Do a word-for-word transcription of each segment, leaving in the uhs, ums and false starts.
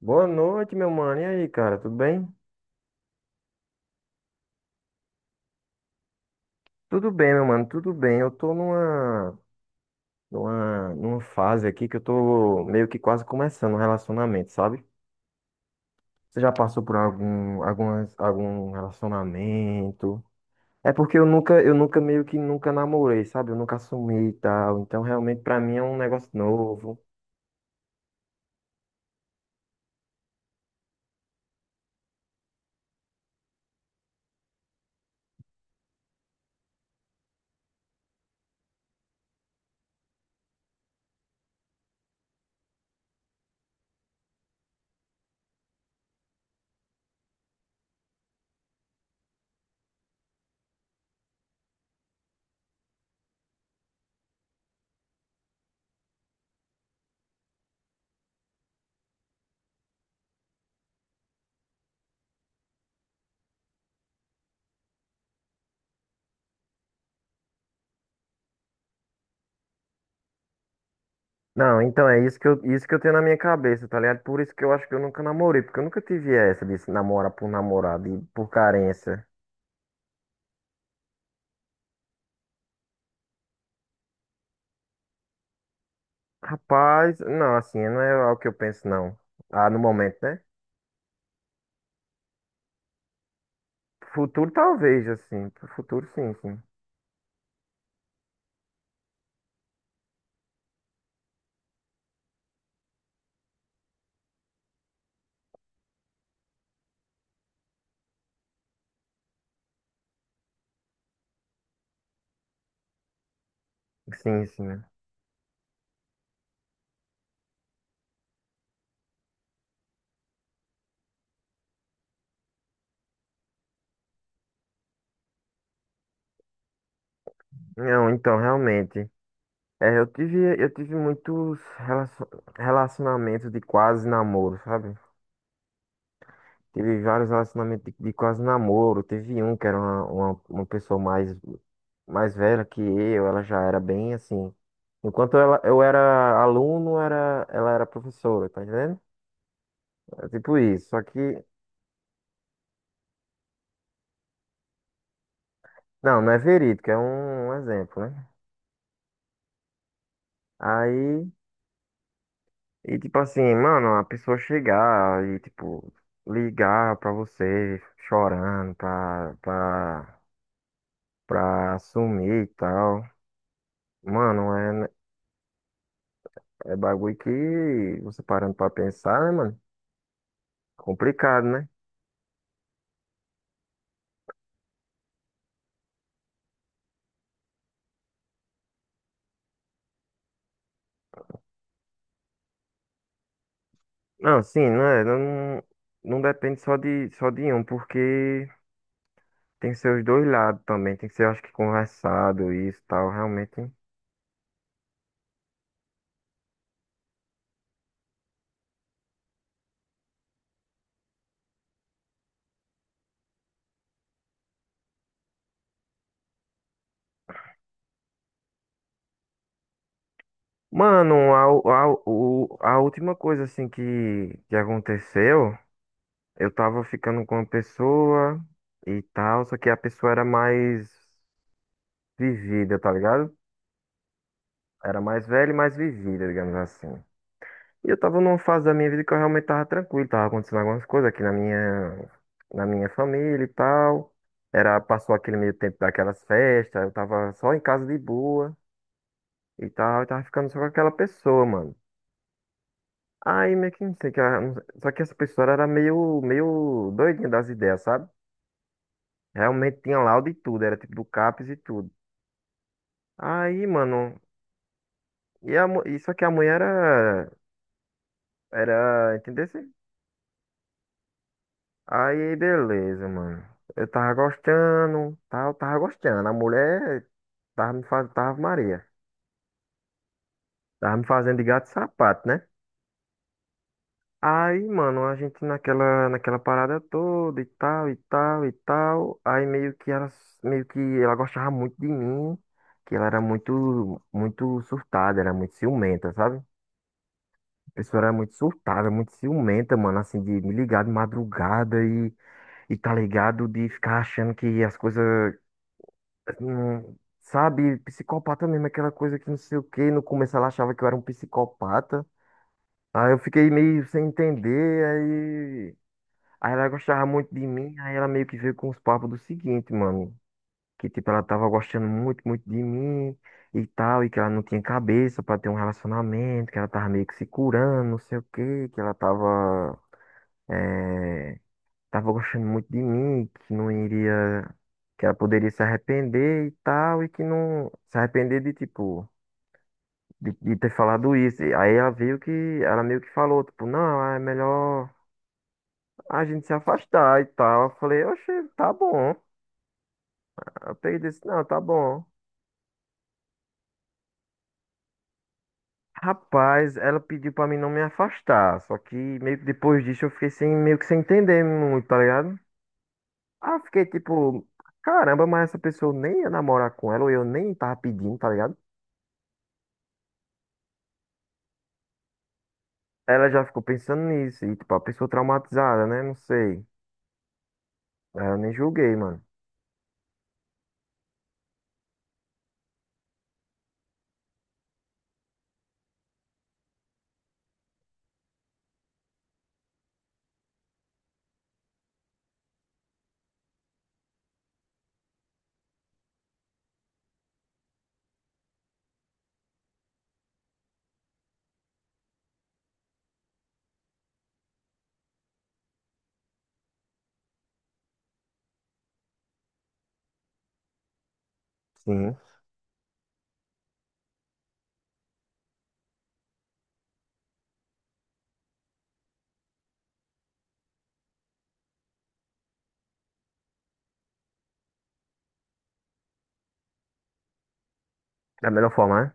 Boa noite, meu mano. E aí, cara, tudo bem? Tudo bem, meu mano, tudo bem. Eu tô numa, numa, numa fase aqui que eu tô meio que quase começando um relacionamento, sabe? Você já passou por algum, algumas, algum relacionamento? É porque eu nunca, eu nunca meio que nunca namorei, sabe? Eu nunca assumi e tal. Então, realmente, pra mim é um negócio novo. Não, então é isso que eu, isso que eu tenho na minha cabeça, tá ligado? Por isso que eu acho que eu nunca namorei, porque eu nunca tive essa de se namorar por namorado e por carência. Rapaz, não, assim, não é algo que eu penso, não. Ah, no momento, né? Futuro talvez, assim. Pro Futuro, sim, sim. Sim, sim, né? Não, então, realmente. É, eu tive, eu tive muitos relacio- relacionamentos de quase namoro, sabe? Tive vários relacionamentos de, de quase namoro. Teve um que era uma, uma, uma pessoa mais, mais velha que eu, ela já era bem assim. Enquanto ela, eu era aluno, era, ela era professora, tá entendendo? É tipo isso. Só que não, não é verídico, é um, um exemplo, né? Aí, e tipo assim, mano, a pessoa chegar e, tipo, ligar pra você chorando, pra, pra, pra assumir e tal. Mano, é, é bagulho que você parando pra pensar, né, mano? Complicado, né? Não, sim, não é, não, não depende só de, só de um, porque tem seus dois lados também, tem que ser, acho que, conversado isso e tal, realmente. Mano, a, u- a, u- o- a última coisa assim que, que aconteceu, eu tava ficando com uma pessoa e tal, só que a pessoa era mais vivida, tá ligado? Era mais velha e mais vivida, digamos assim. E eu tava numa fase da minha vida que eu realmente tava tranquilo, tava acontecendo algumas coisas aqui na minha, na minha família e tal. Era, passou aquele meio tempo daquelas festas, eu tava só em casa de boa e tal, eu tava ficando só com aquela pessoa, mano. Aí meio que não sei, que ela- não sei- só que essa pessoa era meio, meio doidinha das ideias, sabe? Realmente tinha laudo e tudo, era tipo do CAPES e tudo. Aí, mano, e a, mu- e só que a mulher era, era, entendeu? Assim? Aí, beleza, mano. Eu tava gostando, tal, tava gostando. A mulher tava me fazendo, tava Maria. Tava me fazendo de gato e sapato, né? Aí, mano, a gente naquela, naquela parada toda e tal, e tal, e tal. Aí meio que ela, meio que ela gostava muito de mim, que ela era muito, muito surtada, era muito ciumenta, sabe? A pessoa era muito surtada, muito ciumenta, mano, assim, de me ligar de madrugada e, e tá ligado, de ficar achando que as coisas, hum, sabe, psicopata mesmo, aquela coisa que não sei o quê. No começo ela achava que eu era um psicopata. Aí eu fiquei meio sem entender. Aí ela gostava muito de mim, aí ela meio que veio com os papos do seguinte, mano. Que, tipo, ela tava gostando muito, muito de mim e tal, e que ela não tinha cabeça pra ter um relacionamento, que ela tava meio que se curando, não sei o quê, que ela tava, eh, tava gostando muito de mim, que não iria, que ela poderia se arrepender e tal, e que não, se arrepender de, tipo, de, de ter falado isso. E aí ela veio que, ela meio que falou, tipo, não, é melhor a gente se afastar e tal. Eu falei, oxe, tá bom. Eu peguei e disse, não, tá bom. Rapaz, ela pediu pra mim não me afastar. Só que meio que depois disso eu fiquei sem, meio que sem entender muito, tá ligado? Aí eu fiquei tipo, caramba, mas essa pessoa nem ia namorar com ela, ou eu nem tava pedindo, tá ligado? Ela já ficou pensando nisso, e tipo, a pessoa traumatizada, né? Não sei. Aí eu nem julguei, mano. Sim, da melhor forma, né?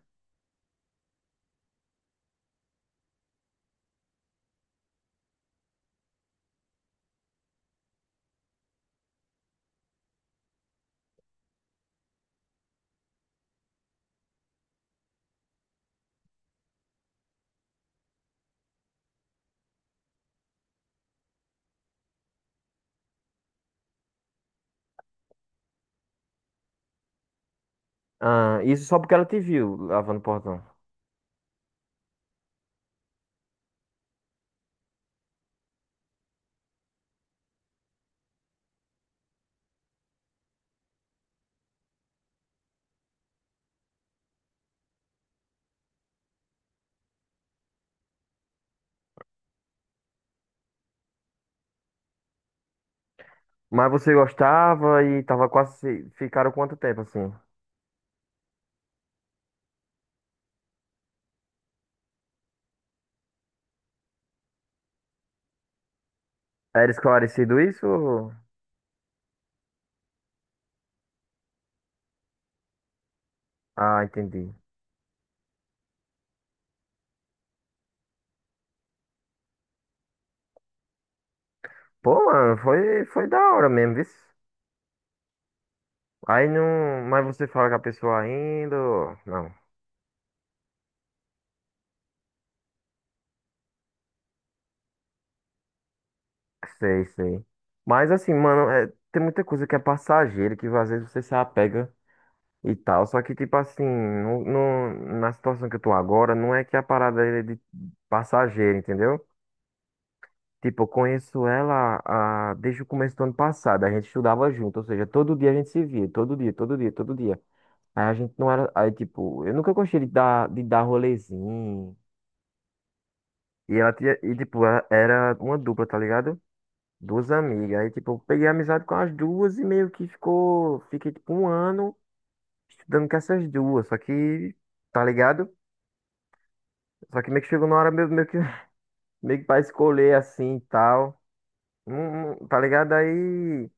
Ah, isso só porque ela te viu lavando o portão. Mas você gostava e tava quase. Se- ficaram quanto tempo assim? Era esclarecido isso? Ou- ah, entendi. Pô, mano, foi, foi da hora mesmo, viu? Aí não. Mas você fala com a pessoa ainda. Ou- não, sei, sei. Mas assim, mano, é, tem muita coisa que é passageira, que às vezes você se apega e tal. Só que, tipo assim, no, no- na situação que eu tô agora, não é que a parada é de passageira, entendeu? Tipo, eu conheço ela ah, desde o começo do ano passado. A gente estudava junto, ou seja, todo dia a gente se via, todo dia, todo dia, todo dia. Aí a gente não era. Aí, tipo, eu nunca gostei de dar, de dar rolezinho. E ela tinha, e tipo, ela- era uma dupla, tá ligado? Duas amigas. Aí, tipo, eu peguei amizade com as duas e meio que ficou, fiquei tipo um ano estudando com essas duas. Só que, tá ligado? Só que meio que chegou na hora meio, meio que, meio que pra escolher assim e tal. Não- não- tá ligado? Aí,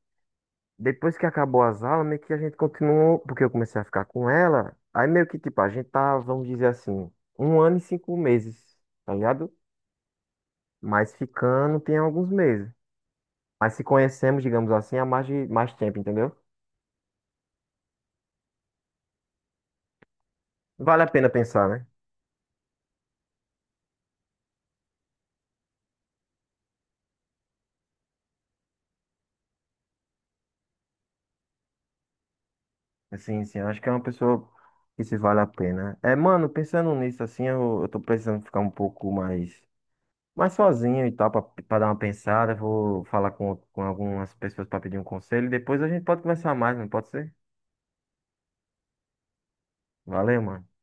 depois que acabou as aulas, meio que a gente continuou, porque eu comecei a ficar com ela. Aí meio que, tipo, a gente tá, vamos dizer assim, um ano e cinco meses, tá ligado? Mas ficando tem alguns meses. Mas se conhecemos, digamos assim, há mais de mais tempo, entendeu? Vale a pena pensar, né? Assim, sim, acho que é uma pessoa que se vale a pena. É, mano, pensando nisso, assim, eu, eu tô precisando ficar um pouco mais, mais sozinho e tal, pra, pra dar uma pensada. Vou falar com, com algumas pessoas pra pedir um conselho. E depois a gente pode conversar mais, não pode ser? Valeu, mano.